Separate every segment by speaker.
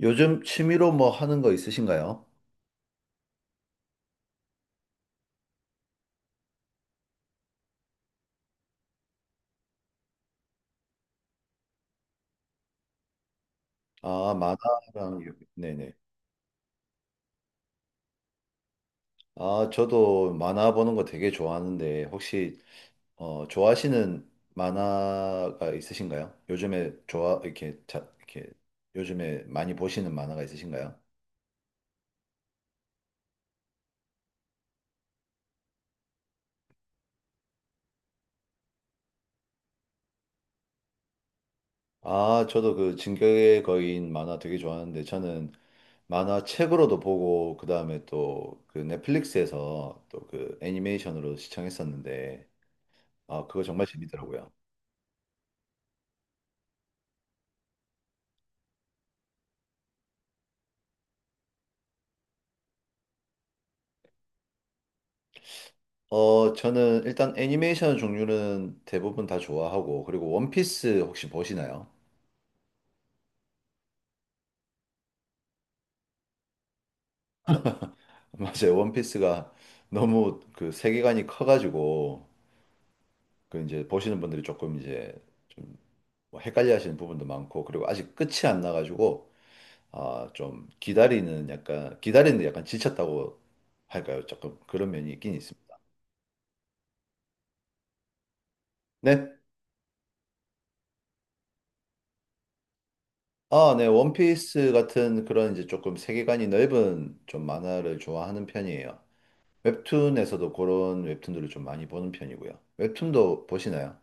Speaker 1: 요즘 취미로 뭐 하는 거 있으신가요? 아, 만화랑, 요- 네네. 아, 저도 만화 보는 거 되게 좋아하는데, 혹시, 좋아하시는 만화가 있으신가요? 요즘에 좋아, 이렇게, 자, 이렇게, 요즘에 많이 보시는 만화가 있으신가요? 아, 저도 그 진격의 거인 만화 되게 좋아하는데, 저는 만화 책으로도 보고, 그다음에 또 그 넷플릭스에서 또 그 애니메이션으로 시청했었는데, 아, 그거 정말 재밌더라고요. 저는 일단 애니메이션 종류는 대부분 다 좋아하고, 그리고 원피스 혹시 보시나요? 맞아요. 원피스가 너무 그 세계관이 커가지고, 그 이제 보시는 분들이 조금 이제 좀뭐 헷갈려 하시는 부분도 많고, 그리고 아직 끝이 안 나가지고, 아, 좀 기다리는 약간, 기다리는 데 약간 지쳤다고 할까요? 조금 그런 면이 있긴 있습니다. 네. 아, 네. 원피스 같은 그런 이제 조금 세계관이 넓은 좀 만화를 좋아하는 편이에요. 웹툰에서도 그런 웹툰들을 좀 많이 보는 편이고요. 웹툰도 보시나요?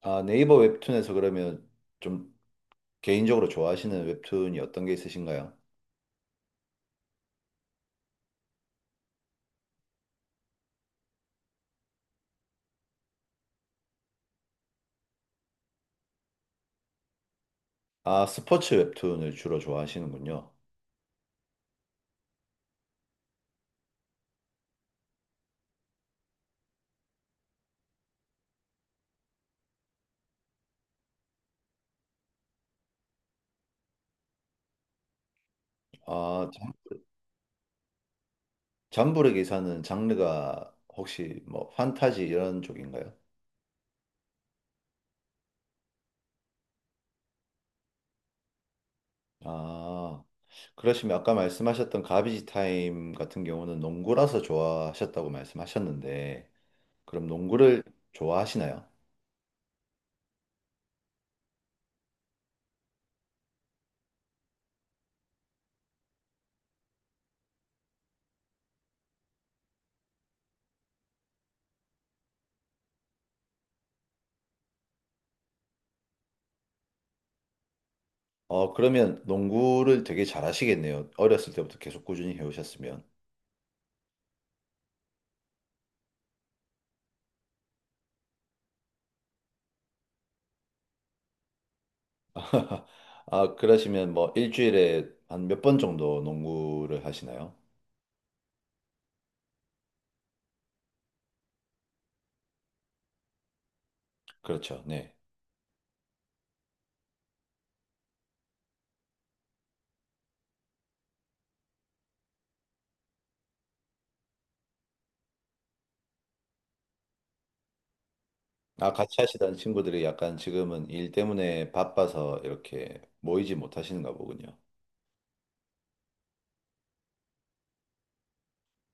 Speaker 1: 아, 네이버 웹툰에서 그러면 좀 개인적으로 좋아하시는 웹툰이 어떤 게 있으신가요? 아, 스포츠 웹툰을 주로 좋아하시는군요. 아, 잠- 잠부르 기사는 장르가 혹시 뭐 판타지 이런 쪽인가요? 아, 그러시면 아까 말씀하셨던 가비지 타임 같은 경우는 농구라서 좋아하셨다고 말씀하셨는데, 그럼 농구를 좋아하시나요? 어, 그러면 농구를 되게 잘하시겠네요. 어렸을 때부터 계속 꾸준히 해오셨으면. 아, 그러시면 뭐 일주일에 한 몇 번 정도 농구를 하시나요? 그렇죠. 네. 아, 같이 하시던 친구들이 약간 지금은 일 때문에 바빠서 이렇게 모이지 못하시는가 보군요.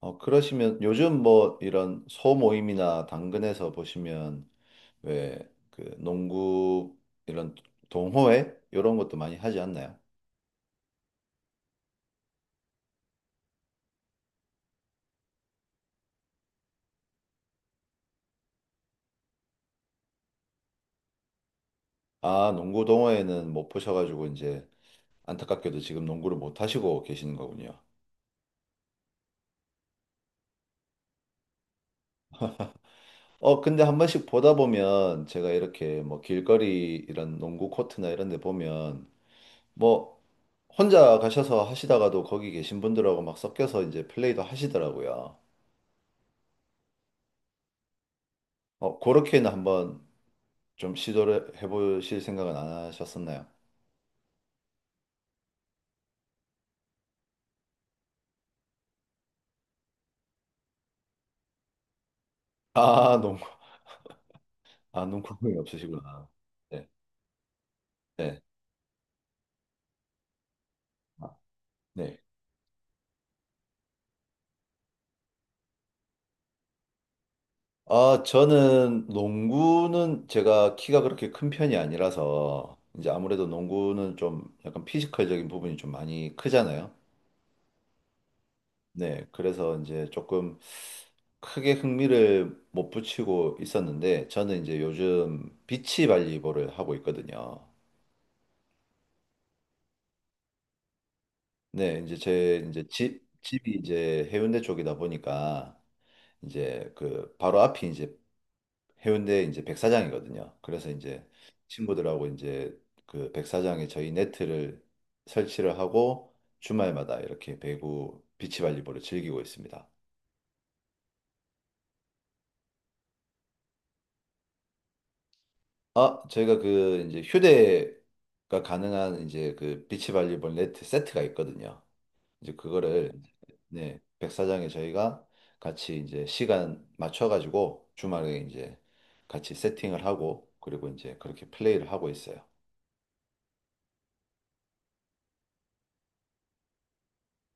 Speaker 1: 어, 그러시면 요즘 뭐 이런 소모임이나 당근에서 보시면 왜 그 농구 이런 동호회 이런 것도 많이 하지 않나요? 아, 농구 동호회는 못 보셔가지고 이제 안타깝게도 지금 농구를 못 하시고 계시는 거군요. 어, 근데 한 번씩 보다 보면 제가 이렇게 뭐 길거리 이런 농구 코트나 이런 데 보면 뭐 혼자 가셔서 하시다가도 거기 계신 분들하고 막 섞여서 이제 플레이도 하시더라고요. 그렇게는 한번 좀 시도를 해보실 생각은 안 하셨었나요? 아, 농구, 아, 농구공이 없으시구나. 네, 네, 아, 네. 아, 저는 농구는 제가 키가 그렇게 큰 편이 아니라서 이제 아무래도 농구는 좀 약간 피지컬적인 부분이 좀 많이 크잖아요. 네, 그래서 이제 조금 크게 흥미를 못 붙이고 있었는데 저는 이제 요즘 비치 발리볼을 하고 있거든요. 네, 이제 제 이제 집 집이 이제 해운대 쪽이다 보니까 이제 그 바로 앞이 이제 해운대 이제 백사장이거든요. 그래서 이제 친구들하고 이제 그 백사장에 저희 네트를 설치를 하고 주말마다 이렇게 배구 비치발리볼을 즐기고 있습니다. 아, 저희가 그 이제 휴대가 가능한 이제 그 비치발리볼 네트 세트가 있거든요. 이제 그거를 네, 백사장에 저희가 같이 이제 시간 맞춰가지고 주말에 이제 같이 세팅을 하고 그리고 이제 그렇게 플레이를 하고 있어요.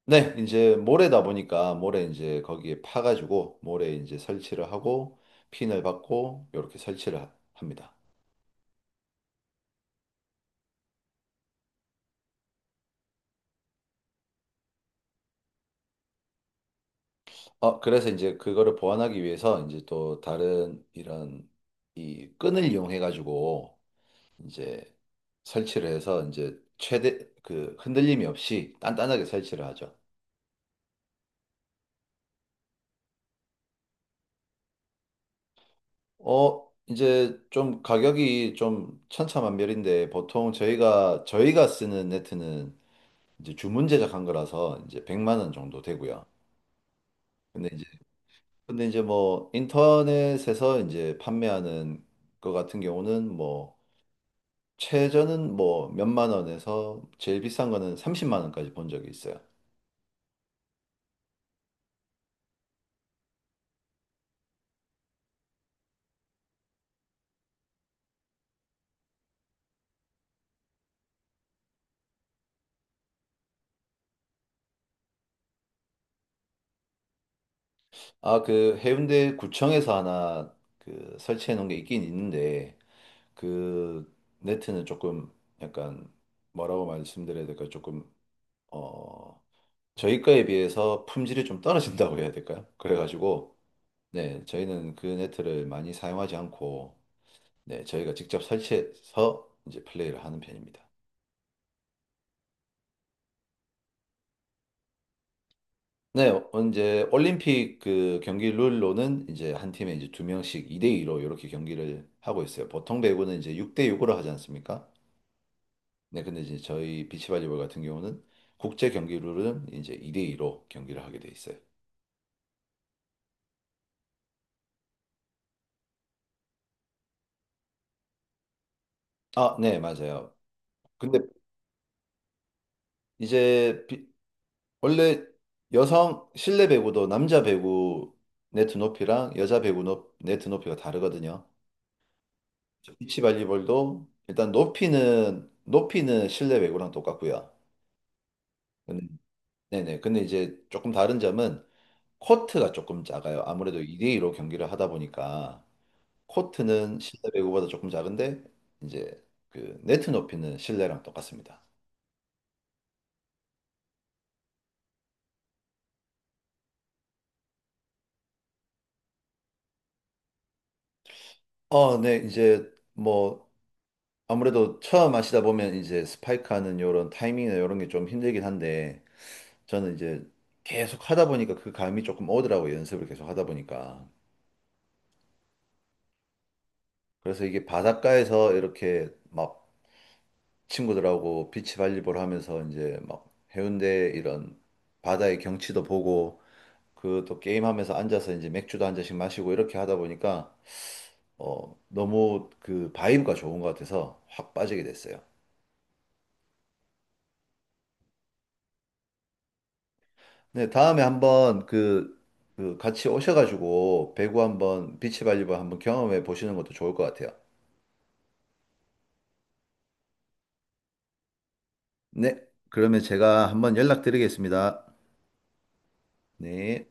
Speaker 1: 네, 이제 모래다 보니까 모래 이제 거기에 파가지고 모래 이제 설치를 하고 핀을 받고 이렇게 설치를 하- 합니다. 어, 그래서 이제 그거를 보완하기 위해서 이제 또 다른 이런 이 끈을 이용해 가지고 이제 설치를 해서 이제 최대 그 흔들림이 없이 단단하게 설치를 하죠. 이제 좀 가격이 좀 천차만별인데 보통 저희가 쓰는 네트는 이제 주문 제작한 거라서 이제 100만 원 정도 되고요. 근데 이제 근데 이제 뭐 인터넷에서 이제 판매하는 거 같은 경우는 뭐 최저는 뭐 몇만 원에서 제일 비싼 거는 30만 원까지 본 적이 있어요. 아, 그 해운대 구청에서 하나 그 설치해 놓은 게 있긴 있는데 그 네트는 조금 약간 뭐라고 말씀드려야 될까 조금 어 저희 거에 비해서 품질이 좀 떨어진다고 해야 될까요? 그래가지고 네, 저희는 그 네트를 많이 사용하지 않고, 네, 저희가 직접 설치해서 이제 플레이를 하는 편입니다. 네, 어, 이제 올림픽 그 경기 룰로는 이제 한 팀에 이제 두 명씩 2대2로 이렇게 경기를 하고 있어요. 보통 배구는 이제 6대6으로 하지 않습니까? 네, 근데 이제 저희 비치발리볼 같은 경우는 국제 경기 룰은 이제 2대2로 경기를 하게 돼 있어요. 아, 네, 맞아요. 근데 이제 원래 여성 실내 배구도 남자 배구 네트 높이랑 여자 배구 높, 네트 높이가 다르거든요. 비치 발리볼도 일단 높이는 실내 배구랑 똑같고요. 근데- 네네. 근데 이제 조금 다른 점은 코트가 조금 작아요. 아무래도 2대2로 경기를 하다 보니까 코트는 실내 배구보다 조금 작은데 이제 그 네트 높이는 실내랑 똑같습니다. 어, 네. 이제 뭐 아무래도 처음 하시다 보면 이제 스파이크하는 요런 타이밍이나 요런 게 좀 힘들긴 한데 저는 이제 계속 하다 보니까 그 감이 조금 오더라고요. 연습을 계속 하다 보니까. 그래서 이게 바닷가에서 이렇게 막 친구들하고 비치 발리볼 하면서 이제 막 해운대 이런 바다의 경치도 보고 그 또 게임하면서 앉아서 이제 맥주도 한 잔씩 마시고 이렇게 하다 보니까 너무 그 바이브가 좋은 것 같아서 확 빠지게 됐어요. 네, 다음에 한번 그, 그 같이 오셔가지고 배구 한번 비치 발리볼 한번 경험해 보시는 것도 좋을 것 같아요. 네, 그러면 제가 한번 연락드리겠습니다. 네.